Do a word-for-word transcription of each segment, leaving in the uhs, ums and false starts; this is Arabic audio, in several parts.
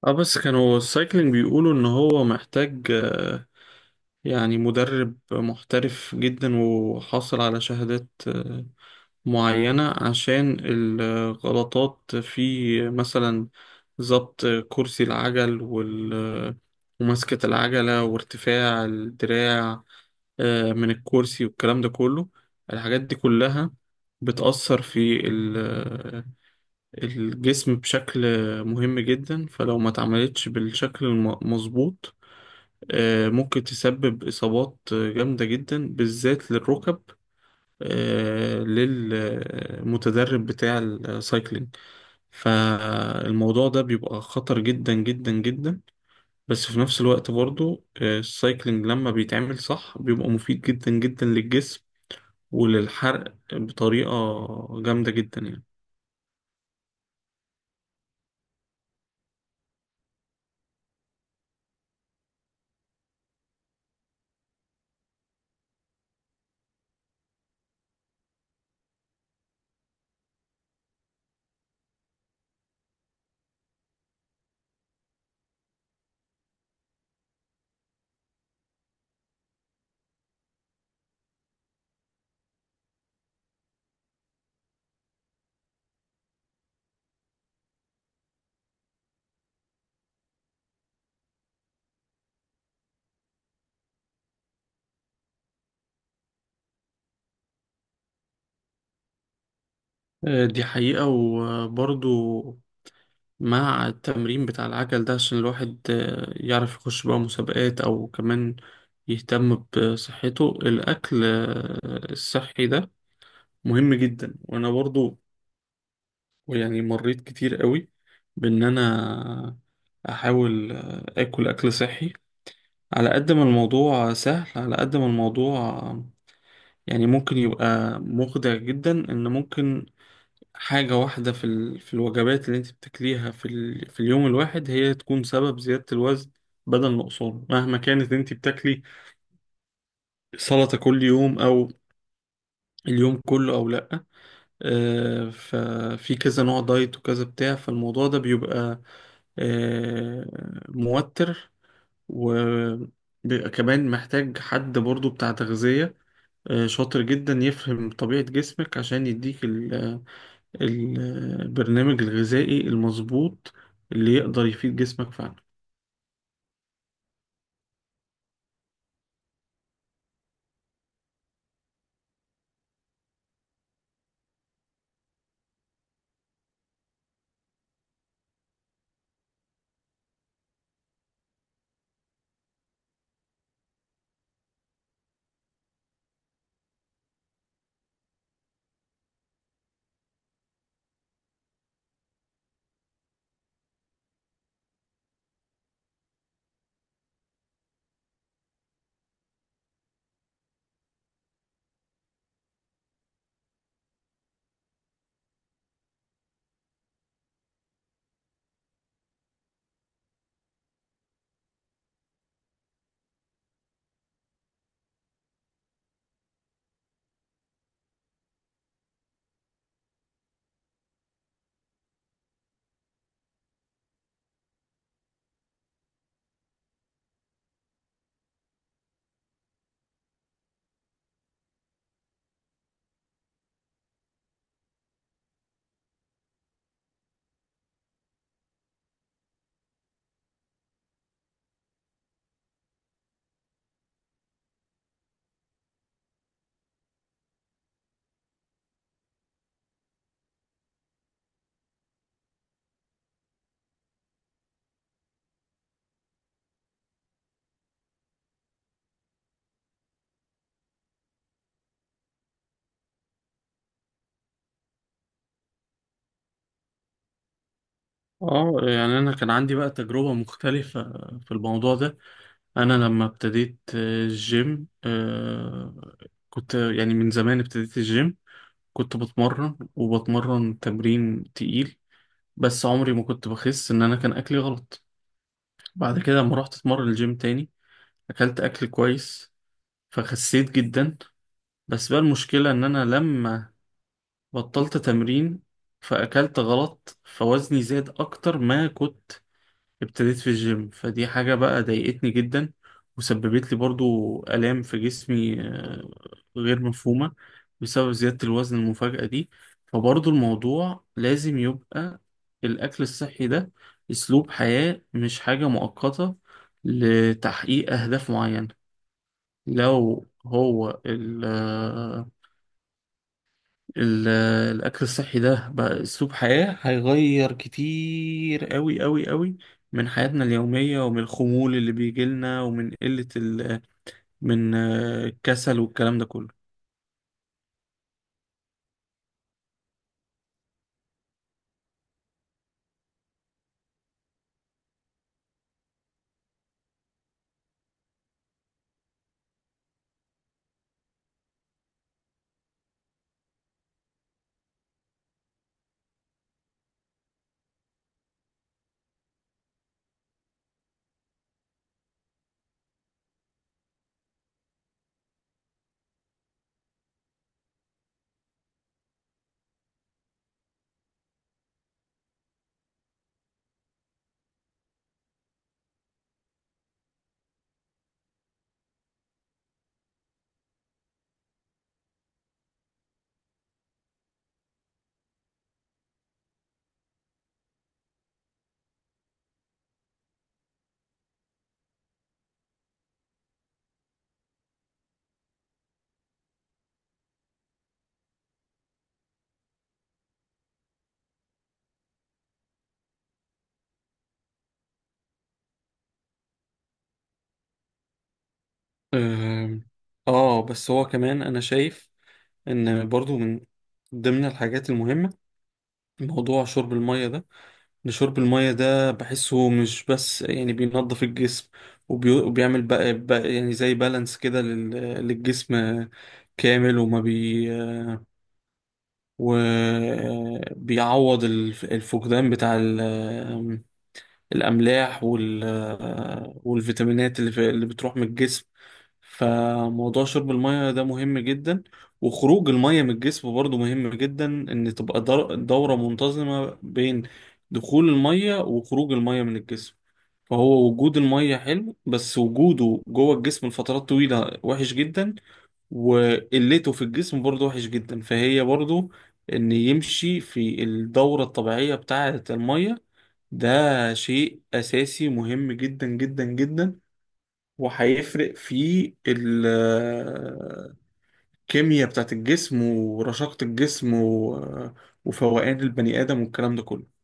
اه، بس كانوا السايكلينج بيقولوا ان هو محتاج آه، يعني مدرب محترف جدا وحاصل على شهادات آه، معينة عشان الغلطات في مثلا ضبط كرسي العجل وال آه، ومسكة العجلة وارتفاع الدراع آه، من الكرسي والكلام ده كله. الحاجات دي كلها بتأثر في الجسم بشكل مهم جدا، فلو ما اتعملتش بالشكل المظبوط آه، ممكن تسبب إصابات جامدة جدا بالذات للركب آه، للمتدرب بتاع السايكلينج. فالموضوع ده بيبقى خطر جدا جدا جدا. بس في نفس الوقت برضو آه، السايكلينج لما بيتعمل صح بيبقى مفيد جدا جدا للجسم وللحرق بطريقة جامدة جدا يعني. آه، دي حقيقة، وبرضو مع التمرين بتاع العجل ده عشان الواحد آه، يعرف يخش بقى مسابقات أو كمان يهتم بصحته. الأكل آه، الصحي ده مهم جدا، وأنا برضو يعني مريت كتير قوي بإن أنا أحاول آه، أكل أكل صحي. على قد ما الموضوع سهل، على قد ما الموضوع يعني ممكن يبقى مخدع جدا، إن ممكن حاجة واحدة في ال... في الوجبات اللي انت بتاكليها في ال... في اليوم الواحد هي تكون سبب زيادة الوزن بدل نقصانه. مهما كانت انت بتاكلي سلطة كل يوم او اليوم كله او لأ، آه، ففي كذا نوع دايت وكذا بتاع، فالموضوع ده بيبقى آه، موتر، وبيبقى كمان محتاج حد برضو بتاع تغذية آه، شاطر جدا يفهم طبيعة جسمك عشان يديك ال- البرنامج الغذائي المظبوط اللي يقدر يفيد جسمك فعلا. اه، يعني انا كان عندي بقى تجربة مختلفة في الموضوع ده. انا لما ابتديت آه، الجيم آه، كنت يعني من زمان ابتديت الجيم. كنت بتمرن وبتمرن تمرين تقيل، بس عمري ما كنت بخس ان انا كان اكلي غلط. بعد كده لما رحت اتمرن الجيم تاني اكلت اكل كويس فخسيت جدا. بس بقى المشكلة ان انا لما بطلت تمرين فأكلت غلط فوزني زاد أكتر ما كنت ابتديت في الجيم. فدي حاجة بقى ضايقتني جدا، وسببت لي برضو آلام في جسمي آه، غير مفهومة، بسبب زيادة الوزن المفاجئة دي. فبرضو الموضوع لازم يبقى الأكل الصحي ده أسلوب حياة، مش حاجة مؤقتة لتحقيق أهداف معينة. لو هو ال ال- الأكل الصحي ده بقى أسلوب حياة هيغير كتير أوي أوي أوي من حياتنا اليومية، ومن الخمول اللي بيجيلنا، ومن قلة ال من آه، الكسل والكلام ده كله. آم، آه، بس هو كمان أنا شايف إن برضو من ضمن الحاجات المهمة موضوع شرب المية ده. لشرب المية ده بحسه مش بس يعني بينظف الجسم وبي... وبيعمل بقى بقى يعني زي بالانس كده لل... للجسم كامل، وما بي وبيعوض الفقدان بتاع ال- الأملاح وال... والفيتامينات اللي, في... اللي بتروح من الجسم. فموضوع شرب المية ده مهم جدا، وخروج المية من الجسم برضو مهم جدا، ان تبقى در- دورة منتظمة بين دخول المية وخروج المية من الجسم. فهو وجود المية حلو، بس وجوده جوه الجسم لفترات طويلة وحش جدا، وقلته في الجسم برضو وحش جدا. فهي برضو ان يمشي في الدورة الطبيعية بتاعة المية. ده شيء أساسي مهم جدا جدا جدا، وهيفرق في الكيمياء بتاعت الجسم ورشاقة الجسم و- وفوقان البني آدم والكلام ده كله.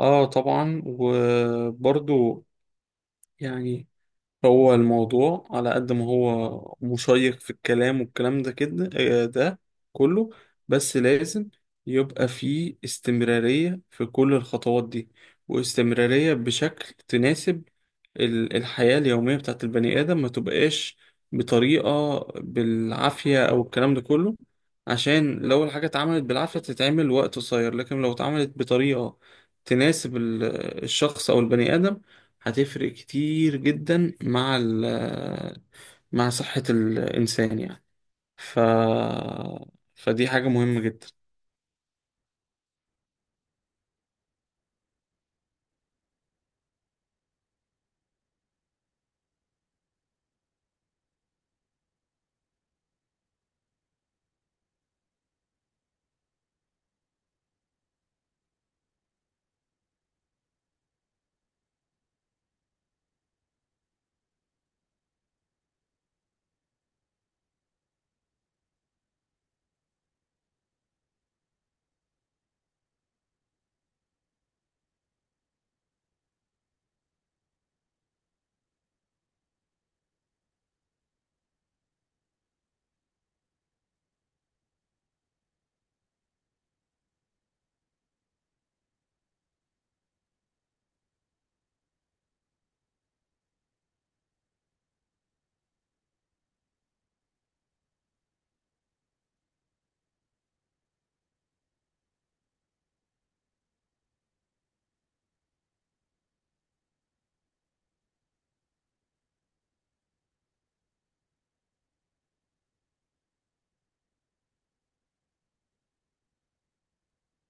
اه، طبعا. وبرضو يعني هو الموضوع على قد ما هو مشيق في الكلام والكلام ده كده آه، ده كله، بس لازم يبقى فيه استمرارية في كل الخطوات دي، واستمرارية بشكل تناسب ال- الحياة اليومية بتاعت البني آدم، ما تبقاش بطريقة بالعافية أو الكلام ده كله. عشان لو الحاجة اتعملت بالعافية تتعمل وقت قصير، لكن لو اتعملت بطريقة تناسب ال- الشخص أو البني آدم هتفرق كتير جدا مع ال مع صحة الإنسان يعني. ف فدي حاجة مهمة جدا.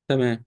تمام.